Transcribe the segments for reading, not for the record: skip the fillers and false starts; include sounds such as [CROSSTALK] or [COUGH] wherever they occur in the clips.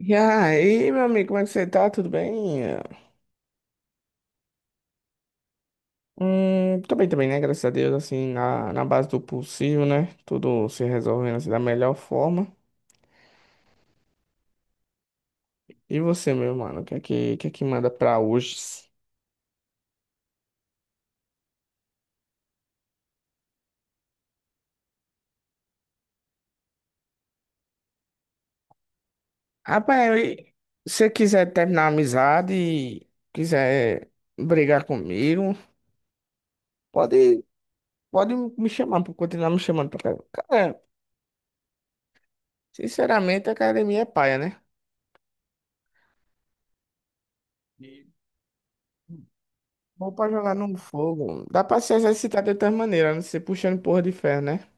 E aí, meu amigo, como é que você tá? Tudo bem? Tô bem também, né? Graças a Deus, assim, na base do possível, né? Tudo se resolvendo assim, da melhor forma. E você, meu mano, o que é que manda pra hoje? Rapaz, e se você quiser terminar a amizade e quiser brigar comigo, pode, pode me chamar, pode continuar me chamando pra cara. Cara, sinceramente, a academia é paia, né? Bom pra jogar no fogo. Dá pra se exercitar de outras maneiras, não ser puxando porra de ferro, né?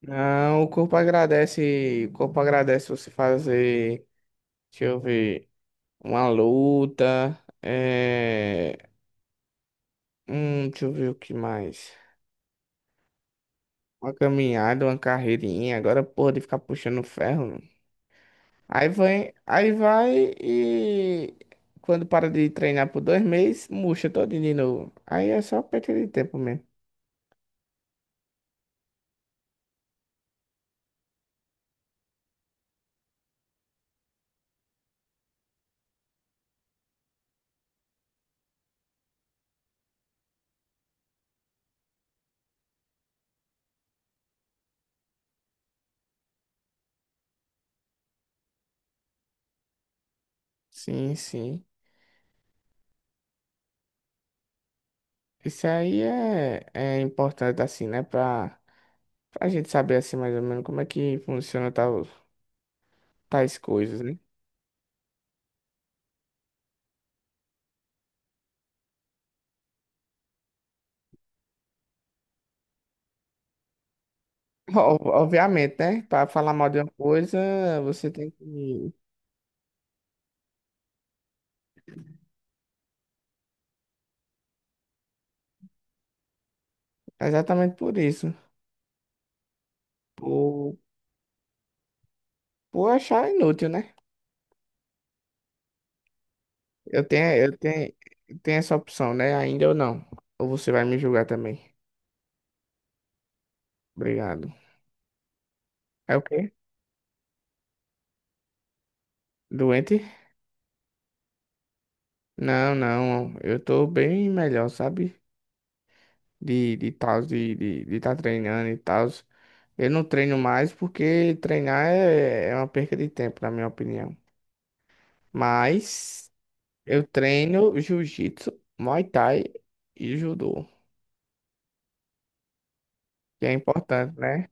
Não, o corpo agradece você fazer, deixa eu ver, uma luta, é, deixa eu ver o que mais. Uma caminhada, uma carreirinha, agora porra de ficar puxando ferro, mano. Aí vai e quando para de treinar por 2 meses, murcha todinho de novo. Aí é só perda de tempo mesmo. Sim, sim. Isso aí é importante assim, né, pra gente saber assim mais ou menos como é que funciona tal, tais coisas, né? Obviamente, né? Para falar mal de uma coisa, você tem que. Exatamente por isso. Por, por achar inútil, né? Eu tenho, eu tenho, eu tenho essa opção, né? Ainda ou não. Ou você vai me julgar também. Obrigado. É o quê? Doente? Não, não. Eu tô bem melhor, sabe? De tá treinando e tal. Eu não treino mais porque treinar é uma perca de tempo, na minha opinião. Mas. Eu treino jiu-jitsu, muay thai e judô, que é importante, né?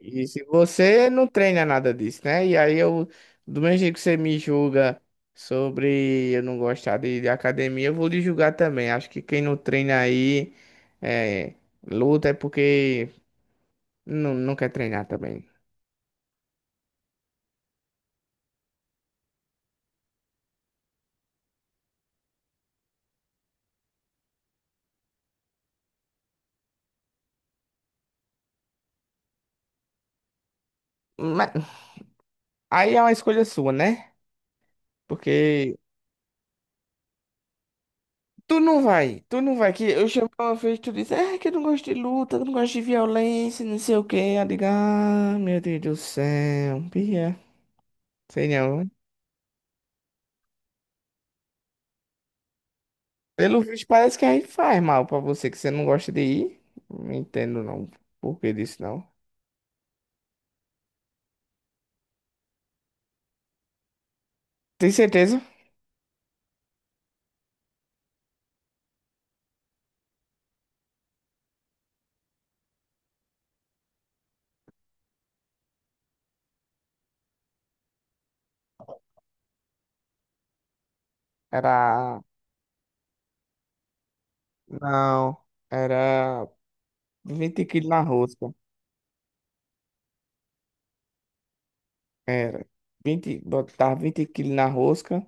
E se você não treina nada disso, né? E aí eu, do mesmo jeito que você me julga sobre eu não gostar de academia, eu vou lhe julgar também. Acho que quem não treina aí é, luta é porque não quer treinar também. Mas, aí é uma escolha sua, né? Porque tu não vai. Que eu chamei uma vez, tu disse, é que eu não gosto de luta, que eu não gosto de violência, não sei o quê. Eu digo, ah, meu Deus do céu, Bia. Sei não. Pelo visto, parece que aí faz mal pra você, que você não gosta de ir. Não entendo não por que disso, não. Tem certeza? Era. Não. Era 20 quilos na rosca. Era 20, botar 20 quilos na rosca.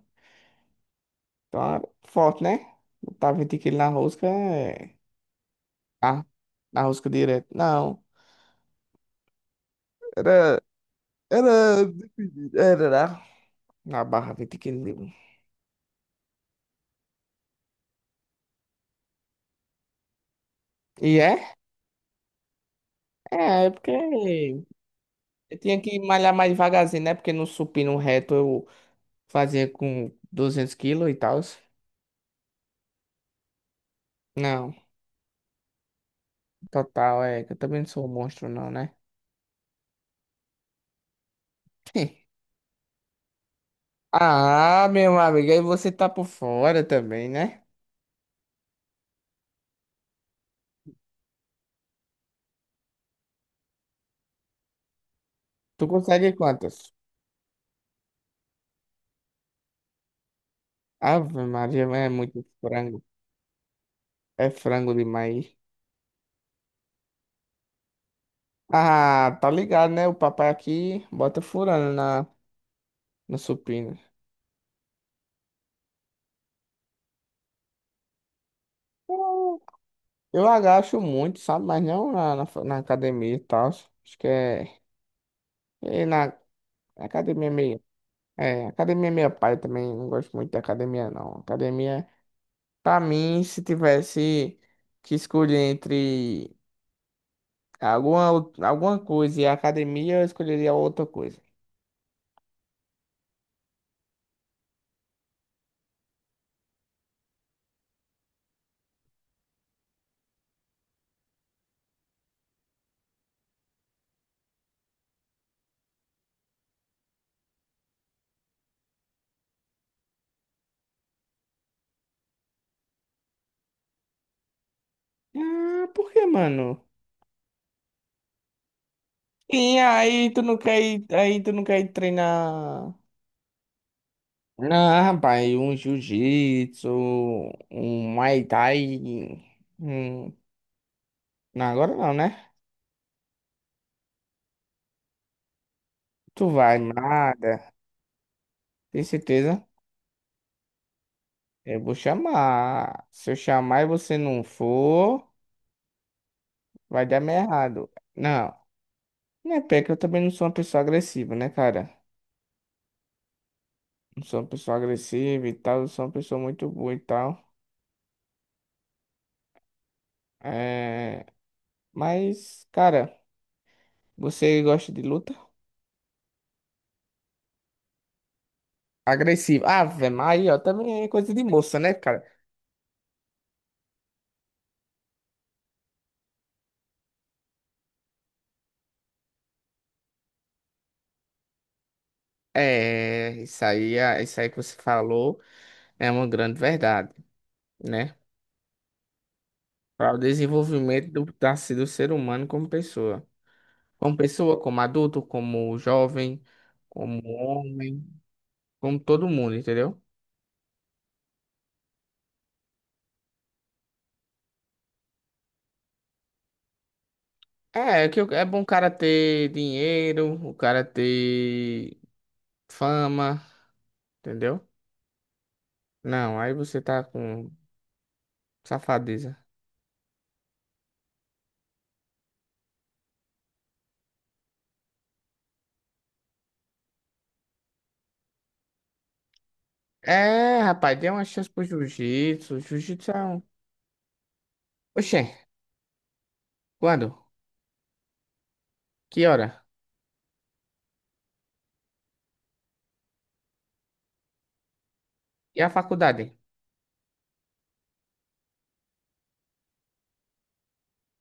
Então, forte, né? Botar 20 quilos na rosca é. Ah, Arrusca direto. Não. Era. Era. Era lá na barra 20 quilos. E é? É, é porque eu tinha que malhar mais devagarzinho, né? Porque no supino reto eu fazia com 200 quilos e tal. Não, total, é que eu também não sou um monstro, não, né? [LAUGHS] Ah, meu amigo, aí você tá por fora também, né? Tu consegue quantas? Ave Maria, mas é muito frango. É frango demais. Ah, tá ligado, né? O papai aqui bota furando na supina. Eu eu agacho muito, sabe? Mas não na academia e tal. Acho que é. E na academia meio. É, academia é meio pai também. Não gosto muito de academia, não. Academia, pra mim, se tivesse que escolher entre alguma coisa e a academia, eu escolheria outra coisa. Ah, por que, mano? E aí tu não quer ir treinar. Não, rapaz, um jiu-jitsu, um Muay Thai. Um... Não, agora não, né? Tu vai, nada. Tem certeza? Eu vou chamar. Se eu chamar e você não for, vai dar meio errado. Não, não é pé que eu também não sou uma pessoa agressiva, né, cara? Não sou uma pessoa agressiva e tal, eu sou uma pessoa muito boa e tal. É... Mas, cara, você gosta de luta? Agressiva. Ah, velho, mas aí, ó, também é coisa de moça, né, cara? É, isso aí que você falou é uma grande verdade, né? Para o desenvolvimento do ser humano como pessoa. Como pessoa, como adulto, como jovem, como homem, como todo mundo, entendeu? É, é que é bom o cara ter dinheiro, o cara ter fama, entendeu? Não, aí você tá com safadeza. É, rapaz, dê uma chance pro jiu-jitsu. Jiu-jitsu é um. Oxê, quando? Que hora? E a faculdade?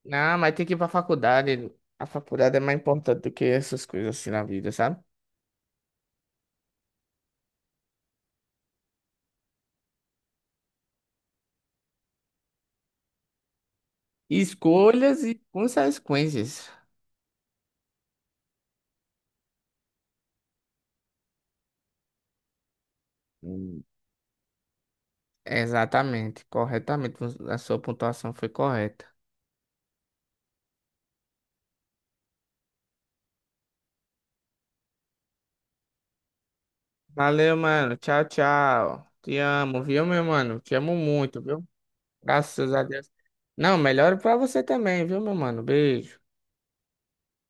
Não, mas tem que ir pra faculdade. A faculdade é mais importante do que essas coisas assim na vida, sabe? Escolhas e consequências. Hum. Exatamente, corretamente. A sua pontuação foi correta. Valeu, mano. Tchau, tchau. Te amo, viu, meu mano? Te amo muito, viu? Graças a Deus. Não, melhor pra você também, viu, meu mano? Beijo.